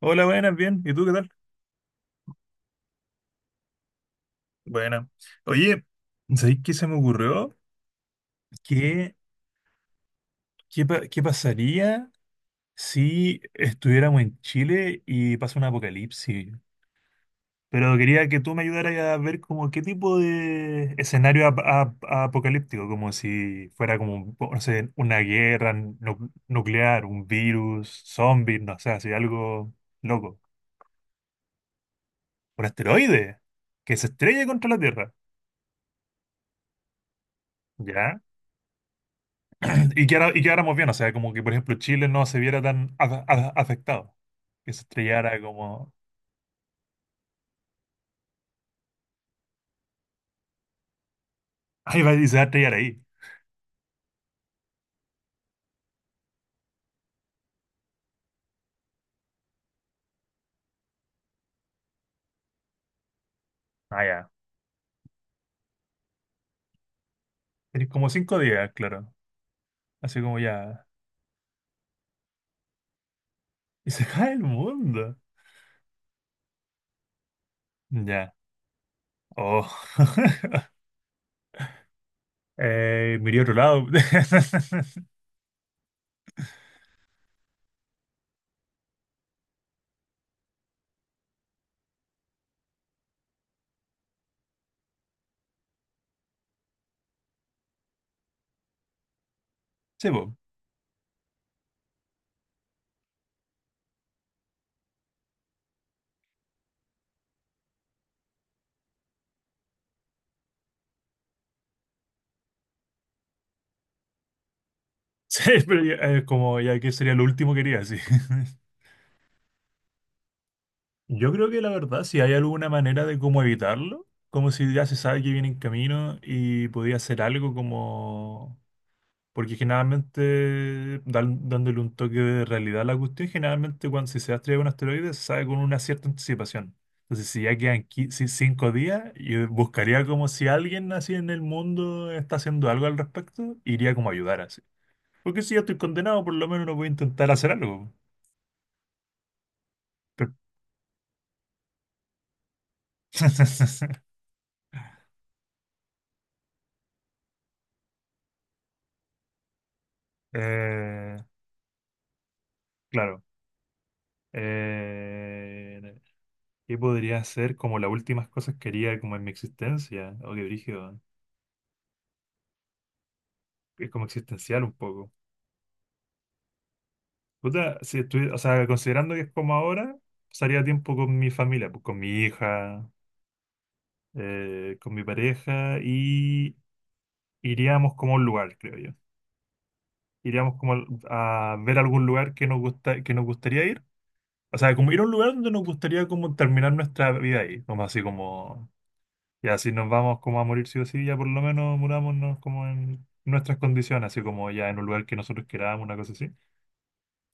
Hola, buenas, bien. ¿Y tú qué tal? Buena. Oye, ¿sabéis qué se me ocurrió? ¿Qué, ¿Qué pasaría si estuviéramos en Chile y pasa un apocalipsis? Pero quería que tú me ayudaras a ver como qué tipo de escenario apocalíptico, como si fuera como, un no sé, una guerra nuclear, un virus, zombies, no sé, así algo loco. ¿Un asteroide que se estrelle contra la Tierra? ¿Ya? Y que y quedáramos bien, o sea, como que por ejemplo Chile no se viera tan afectado, que se estrellara como... Ahí va, y se va a estrellar ahí. Ah, ya. Tenés como cinco días, claro. Así como ya... Y se cae el mundo. Ya. Oh. Miré a otro lado. Sí, po. Sí, pero ya, como ya que sería lo último que haría, sí. Yo creo que la verdad, si hay alguna manera de cómo evitarlo, como si ya se sabe que viene en camino y podía hacer algo como... Porque generalmente, dándole un toque de realidad a la cuestión, generalmente cuando si se va a estrellar un asteroide, se sabe con una cierta anticipación. Entonces, si ya quedan cinco días, yo buscaría como si alguien así en el mundo está haciendo algo al respecto, iría como a ayudar así. Porque si ya estoy condenado, por lo menos no voy a intentar hacer algo. Pero- Eh, claro. Eh, ¿Qué podría ser como las últimas cosas que haría como en mi existencia? O qué brígido. Es como existencial un poco. Puta, si o sea, considerando que es como ahora, pasaría tiempo con mi familia, pues, con mi hija, con mi pareja y iríamos como a un lugar, creo yo. Iríamos como a ver algún lugar que nos gusta, que nos gustaría ir. O sea, como ir a un lugar donde nos gustaría como terminar nuestra vida ahí, como así como, ya si nos vamos como a morir sí o sí, ya por lo menos murámonos como en nuestras condiciones, así como ya en un lugar que nosotros queramos, una cosa así.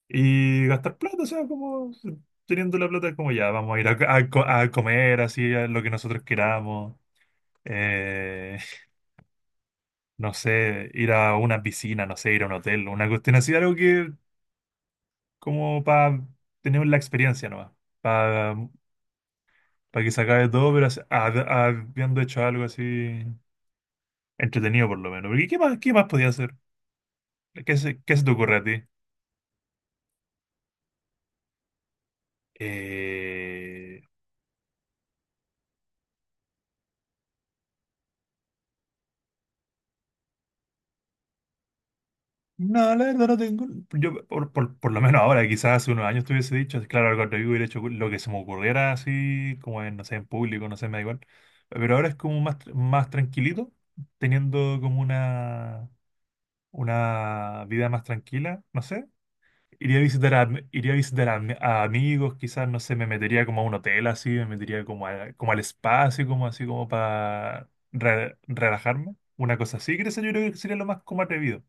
Y gastar plata, o sea, como teniendo la plata, como ya, vamos a ir a, a comer así, a lo que nosotros queramos. Eh, no sé, ir a una piscina, no sé, ir a un hotel, una cuestión así, algo que como para tener la experiencia nomás, para que se acabe todo, pero habiendo hecho algo así entretenido por lo menos. Porque qué más podía hacer? Qué se te ocurre a ti? Eh, No, la verdad no tengo. Yo, por lo menos ahora, quizás hace unos años te hubiese dicho, si claro, cuando yo hubiera hecho lo que se me ocurriera así, como en, no sé, en público, no sé, me da igual. Pero ahora es como más, más tranquilito, teniendo como una vida más tranquila, no sé. Iría a visitar a, iría a visitar a, a amigos, quizás, no sé, me metería como a un hotel así, me metería como, como al espacio como, así como para relajarme. Una cosa así, creo que eso yo creo que sería lo más como atrevido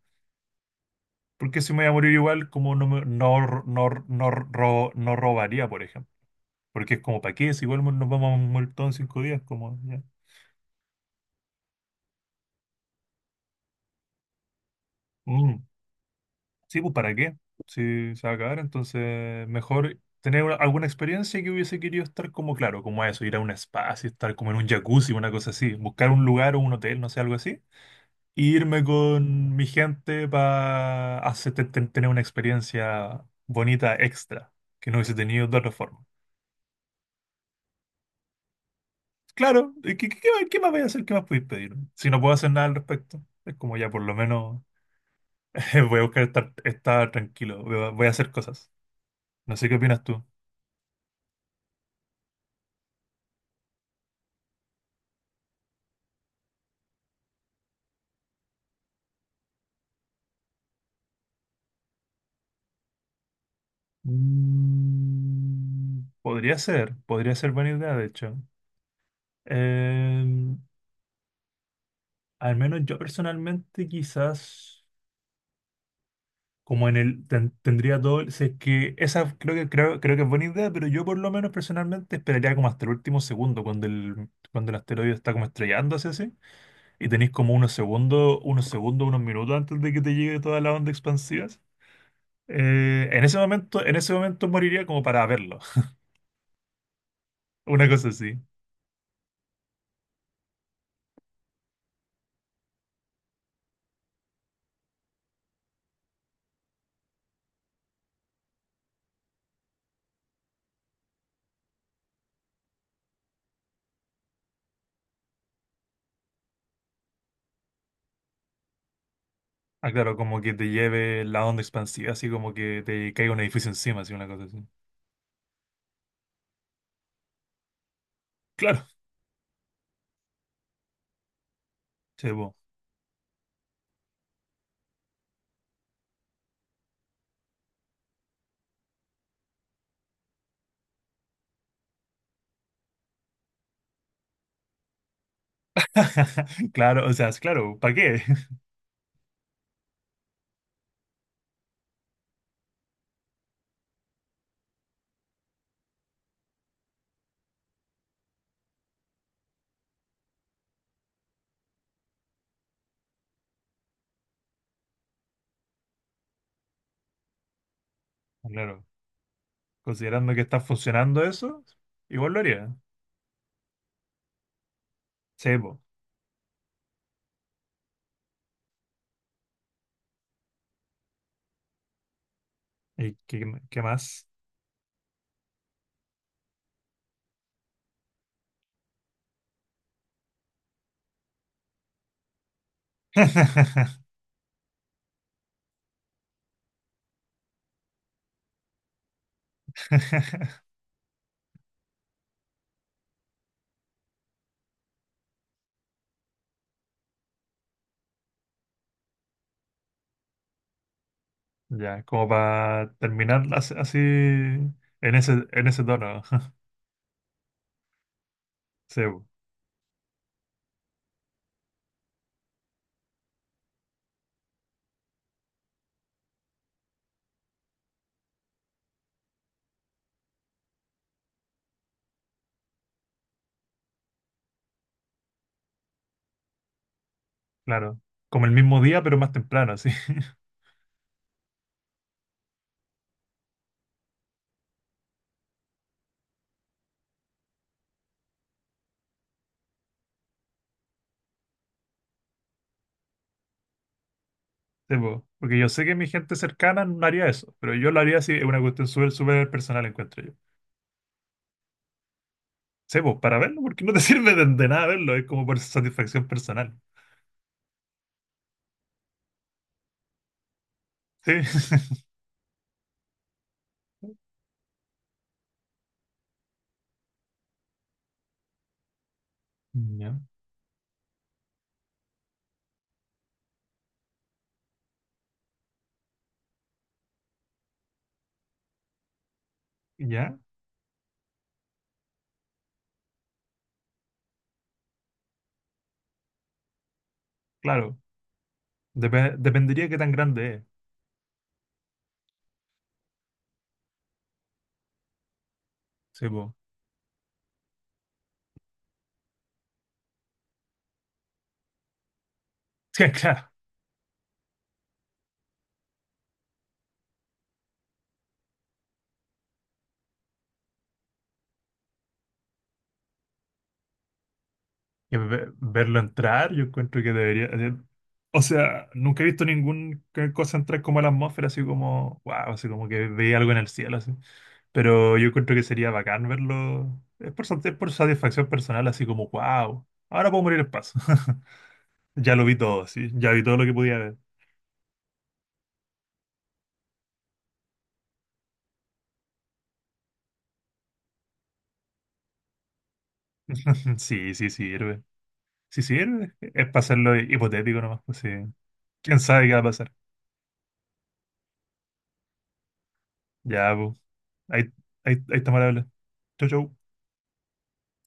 porque si me voy a morir igual, como no, no, no, no, no robaría, por ejemplo. Porque es como, ¿para qué? Si igual nos vamos a morir todos en cinco días, como, ya. Mm, sí, pues, ¿para qué? Si se va a acabar, entonces mejor tener alguna experiencia que hubiese querido estar como, claro, como a eso, ir a un spa, así, estar como en un jacuzzi, una cosa así, buscar un lugar o un hotel, no sé, algo así. E irme con mi gente para tener una experiencia bonita extra que no hubiese tenido de otra forma. Claro, ¿qué más qué más voy a hacer? ¿Qué más podéis pedir? Si no puedo hacer nada al respecto, es como ya por lo menos voy a buscar estar, estar tranquilo, voy a, voy a hacer cosas. No sé qué opinas tú. Mm, podría ser buena idea, de hecho. Em, Al menos yo personalmente quizás como en el tendría todo, si es que esa creo que creo que es buena idea, pero yo por lo menos personalmente esperaría como hasta el último segundo cuando el asteroide está como estrellándose así. Y tenéis como unos segundos, unos segundos, unos minutos antes de que te llegue toda la onda expansiva. En ese momento moriría como para verlo. Una cosa así. Ah, claro, como que te lleve la onda expansiva, así como que te caiga un edificio encima, así una cosa así. Claro, sí, po. Claro, o sea, es claro, ¿para qué? Claro, considerando que está funcionando eso, igual lo haría. Sí, po. ¿Y qué, qué más? Ya, como para terminar así en en ese tono. Sí, po, claro. Como el mismo día, pero más temprano, así. Sí, po, porque yo sé que mi gente cercana no haría eso, pero yo lo haría así, es una cuestión súper, súper personal, encuentro yo. Sí, po, para verlo, porque no te sirve de nada verlo, es como por satisfacción personal. Sí. Ya, ya, claro. Dependería de qué tan grande es. Sí, po. Sí, claro. Que verlo entrar, yo encuentro que debería. O sea, nunca he visto ninguna cosa entrar como a la atmósfera, así como, wow, así como que veía algo en el cielo, así. Pero yo encuentro que sería bacán verlo. Es es por satisfacción personal, así como, wow, ahora puedo morir el paso. Ya lo vi todo, sí, ya vi todo lo que podía ver. Sí, sí sirve. Sí sirve. Es para hacerlo hipotético nomás, pues sí. ¿Quién sabe qué va a pasar? Ya, pues. Ahí, ahí estamos al habla. Chau, chau.